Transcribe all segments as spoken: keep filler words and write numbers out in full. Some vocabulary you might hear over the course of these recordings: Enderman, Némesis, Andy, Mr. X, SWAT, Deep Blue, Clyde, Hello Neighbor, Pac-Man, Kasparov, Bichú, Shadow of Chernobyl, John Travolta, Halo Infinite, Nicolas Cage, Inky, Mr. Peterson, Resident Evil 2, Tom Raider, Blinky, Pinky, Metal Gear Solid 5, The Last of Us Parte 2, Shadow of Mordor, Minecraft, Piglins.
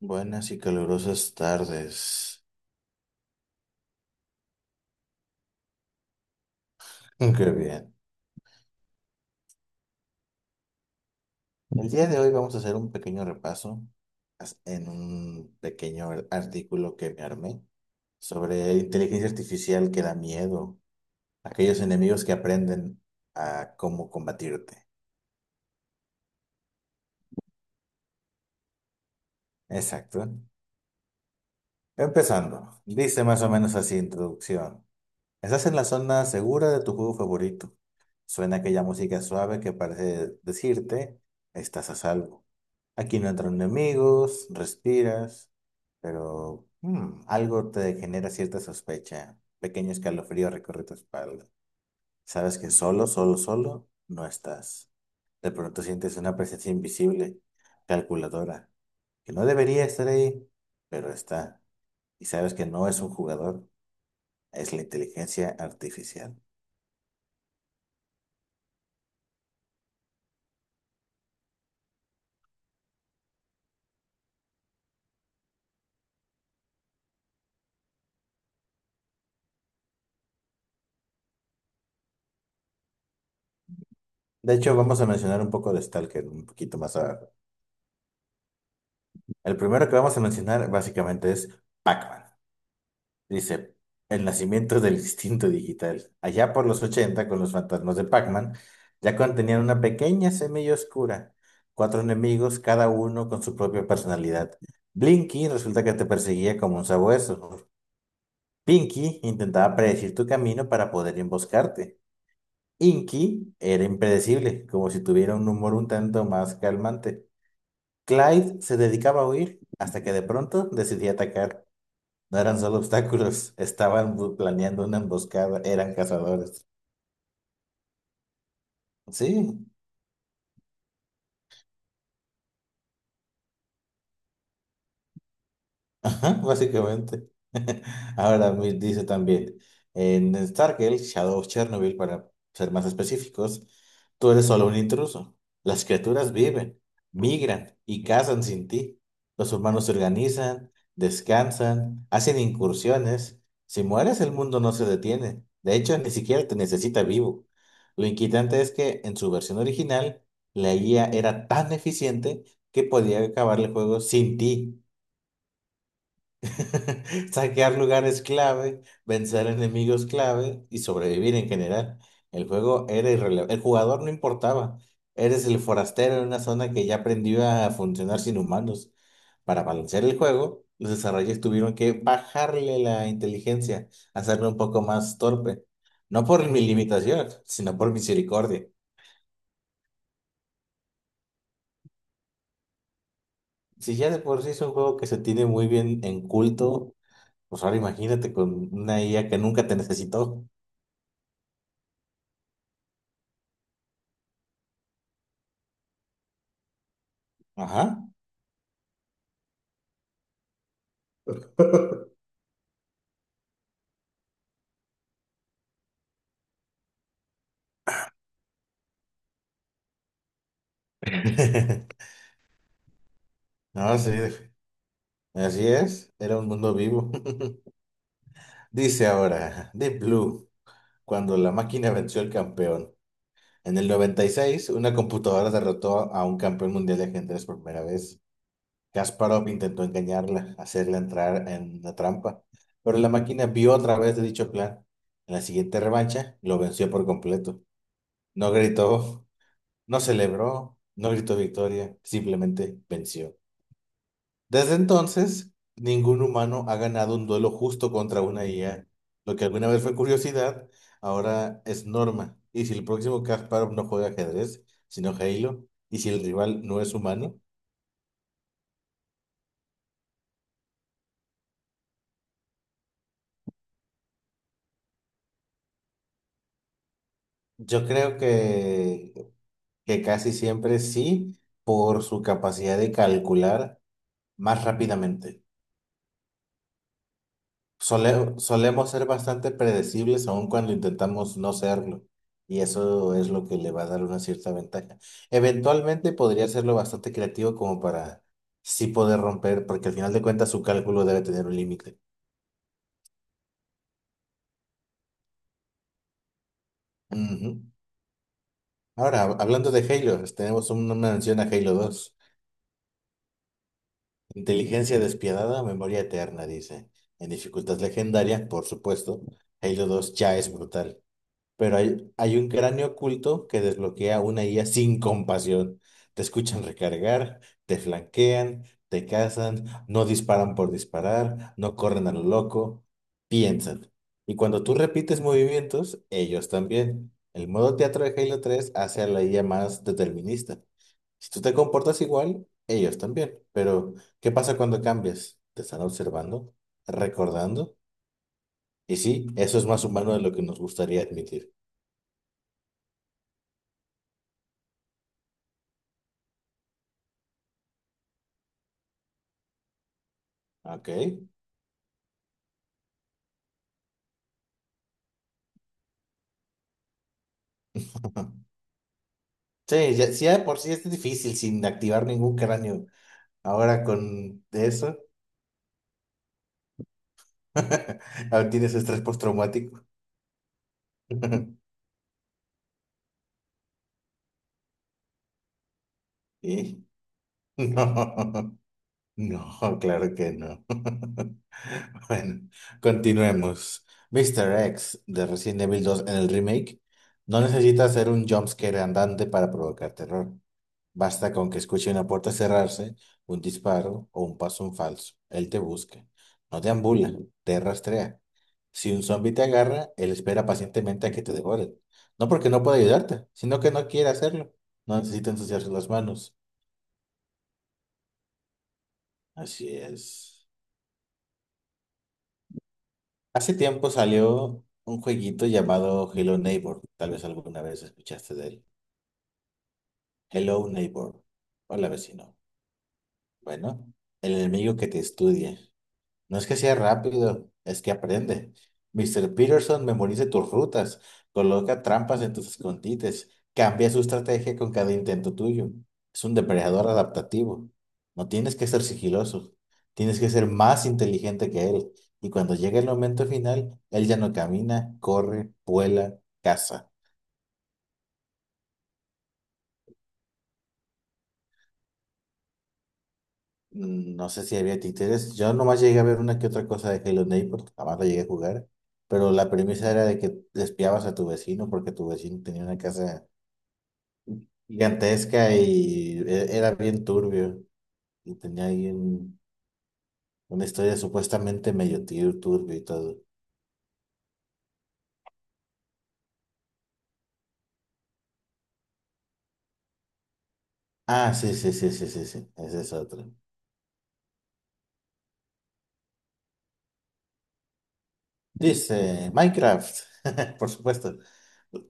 Buenas y calurosas tardes. Qué bien. El día de hoy vamos a hacer un pequeño repaso as- en un pequeño artículo que me armé sobre inteligencia artificial que da miedo, aquellos enemigos que aprenden a cómo combatirte. Exacto. Empezando, dice más o menos así introducción. Estás en la zona segura de tu juego favorito. Suena aquella música suave que parece decirte, estás a salvo. Aquí no entran enemigos, respiras, pero mm, algo te genera cierta sospecha. Pequeño escalofrío recorre tu espalda. Sabes que solo, solo, solo no estás. De pronto sientes una presencia invisible, calculadora, que no debería estar ahí, pero está. Y sabes que no es un jugador, es la inteligencia artificial. De hecho, vamos a mencionar un poco de Stalker un poquito más abajo. El primero que vamos a mencionar básicamente es Pac-Man. Dice, el nacimiento del instinto digital. Allá por los ochenta con los fantasmas de Pac-Man, ya contenían una pequeña semilla oscura. Cuatro enemigos, cada uno con su propia personalidad. Blinky resulta que te perseguía como un sabueso. Pinky intentaba predecir tu camino para poder emboscarte. Inky era impredecible, como si tuviera un humor un tanto más calmante. Clyde se dedicaba a huir hasta que de pronto decidía atacar. No eran solo obstáculos, estaban bu- planeando una emboscada, eran cazadores. Sí, ajá, básicamente. Ahora me dice también, en Stargate, Shadow of Chernobyl, para ser más específicos, tú eres solo un intruso. Las criaturas viven, migran y cazan sin ti. Los humanos se organizan, descansan, hacen incursiones. Si mueres, el mundo no se detiene. De hecho, ni siquiera te necesita vivo. Lo inquietante es que en su versión original, la i a era tan eficiente que podía acabar el juego sin ti. Saquear lugares clave, vencer enemigos clave y sobrevivir en general. El juego era irrelevante. El jugador no importaba. Eres el forastero en una zona que ya aprendió a funcionar sin humanos. Para balancear el juego, los desarrolladores tuvieron que bajarle la inteligencia, hacerlo un poco más torpe. No por mi limitación, sino por misericordia. Si ya de por sí es un juego que se tiene muy bien en culto, pues ahora imagínate con una i a que nunca te necesitó. Ajá. No, sí, def- así es, era un mundo vivo. Dice ahora, Deep Blue, cuando la máquina venció al campeón. En el noventa y seis, una computadora derrotó a un campeón mundial de ajedrez por primera vez. Kasparov intentó engañarla, hacerla entrar en la trampa, pero la máquina vio otra vez de dicho plan. En la siguiente revancha, lo venció por completo. No gritó, no celebró, no gritó victoria, simplemente venció. Desde entonces, ningún humano ha ganado un duelo justo contra una i a. Lo que alguna vez fue curiosidad, ahora es norma. ¿Y si el próximo Kasparov no juega ajedrez, sino Halo? ¿Y si el rival no es humano? Yo creo que, que casi siempre sí, por su capacidad de calcular más rápidamente. Sole- solemos ser bastante predecibles aun cuando intentamos no serlo, y eso es lo que le va a dar una cierta ventaja. Eventualmente podría hacerlo bastante creativo como para sí poder romper, porque al final de cuentas su cálculo debe tener un límite. Ujú. Ahora, hab- hablando de Halo, tenemos una mención a Halo dos. Inteligencia despiadada, memoria eterna, dice. En dificultad legendaria, por supuesto, Halo dos ya es brutal. Pero hay, hay un cráneo oculto que desbloquea una i a sin compasión. Te escuchan recargar, te flanquean, te cazan, no disparan por disparar, no corren a lo loco, piensan. Y cuando tú repites movimientos, ellos también. El modo teatro de Halo tres hace a la i a más determinista. Si tú te comportas igual, ellos también. Pero, ¿qué pasa cuando cambias? ¿Te están observando? ¿Recordando? Y sí, eso es más humano de lo que nos gustaría admitir. ¿Ok? Sí, ya, sí, ya de por sí es difícil sin activar ningún cráneo. Ahora con eso, ahora tienes estrés postraumático. Y no, no, claro que no. Bueno, continuemos. míster X de Resident Evil dos en el remake no necesita hacer un jumpscare andante para provocar terror. Basta con que escuche una puerta cerrarse, un disparo o un paso en falso. Él te busca. No te ambula, te rastrea. Si un zombi te agarra, él espera pacientemente a que te devore. No porque no pueda ayudarte, sino que no quiere hacerlo. No necesita ensuciarse las manos. Así es. Hace tiempo salió un jueguito llamado Hello Neighbor. Tal vez alguna vez escuchaste de él. Hello Neighbor. Hola vecino. Bueno, el enemigo que te estudia. No es que sea rápido, es que aprende. míster Peterson memoriza tus rutas, coloca trampas en tus escondites, cambia su estrategia con cada intento tuyo. Es un depredador adaptativo. No tienes que ser sigiloso, tienes que ser más inteligente que él. Y cuando llega el momento final, él ya no camina, corre, vuela, caza. Mm, No sé si había títeres. Yo nomás llegué a ver una que otra cosa de Halo Infinite porque jamás la llegué a jugar. Pero la premisa era de que espiabas a tu vecino porque tu vecino tenía una casa gigantesca y e- era bien turbio. Y tenía ahí un- una historia supuestamente medio tur- turbio y todo. Ah, sí, sí, sí, sí, sí, sí. Ese es otro. Dice Minecraft, por supuesto.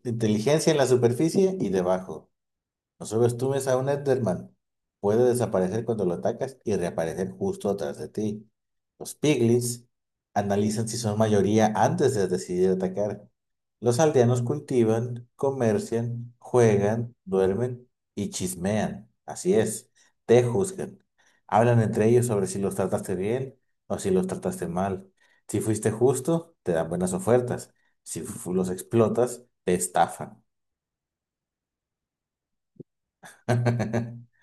Inteligencia en la superficie y debajo. Solo estuves a un Enderman. Puede desaparecer cuando lo atacas y reaparecer justo atrás de ti. Los Piglins analizan si son mayoría antes de decidir atacar. Los aldeanos cultivan, comercian, juegan, duermen y chismean. Así es, te juzgan. Hablan entre ellos sobre si los trataste bien o si los trataste mal. Si fuiste justo, te dan buenas ofertas. Si fu- Los explotas, te estafan.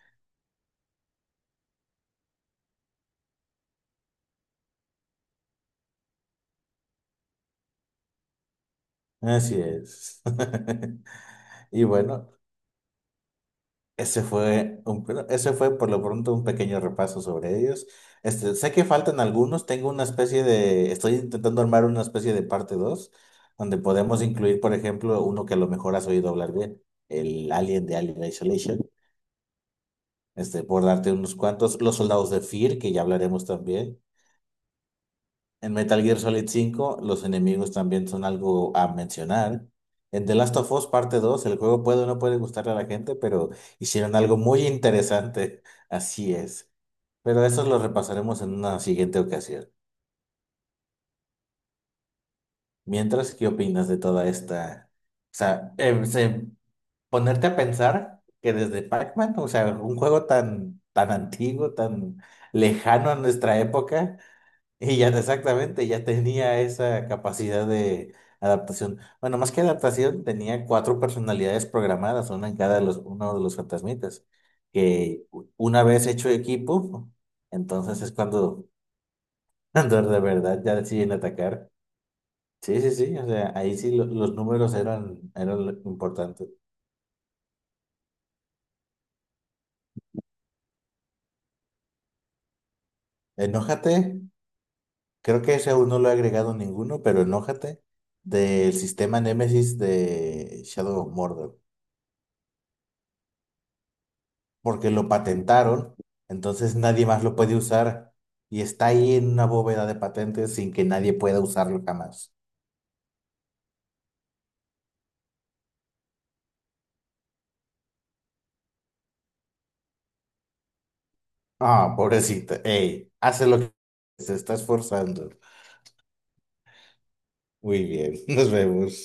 Así es. Y bueno, ese fue un, pero ese fue por lo pronto un pequeño repaso sobre ellos. Este, sé que faltan algunos, tengo una especie de, estoy intentando armar una especie de parte dos donde podemos incluir, por ejemplo, uno que a lo mejor has oído hablar bien, el Alien de Alien Isolation, este, por darte unos cuantos, los soldados de Fear, que ya hablaremos también. En Metal Gear Solid cinco, los enemigos también son algo a mencionar. En The Last of Us Parte dos, el juego puede o no puede gustarle a la gente, pero hicieron algo muy interesante. Así es. Pero eso lo repasaremos en una siguiente ocasión. Mientras, ¿qué opinas de toda esta? O sea, em, se- ponerte a pensar que desde Pac-Man, o sea, un juego tan, tan antiguo, tan lejano a nuestra época. Y ya exactamente, ya tenía esa capacidad de adaptación. Bueno, más que adaptación, tenía cuatro personalidades programadas, una en cada de los, uno de los fantasmitas, que u- una vez hecho equipo, entonces es cuando, cuando de verdad ya deciden atacar. Sí, sí, sí, o sea, ahí sí lo- los números eran, eran lo importantes. Enójate, creo que ese aún no lo he agregado ninguno, pero enójate del sistema Némesis de Shadow of Mordor. Porque lo patentaron, entonces nadie más lo puede usar y está ahí en una bóveda de patentes sin que nadie pueda usarlo jamás. Ah, pobrecita, ey, hace lo que se está esforzando. Muy bien, nos vemos.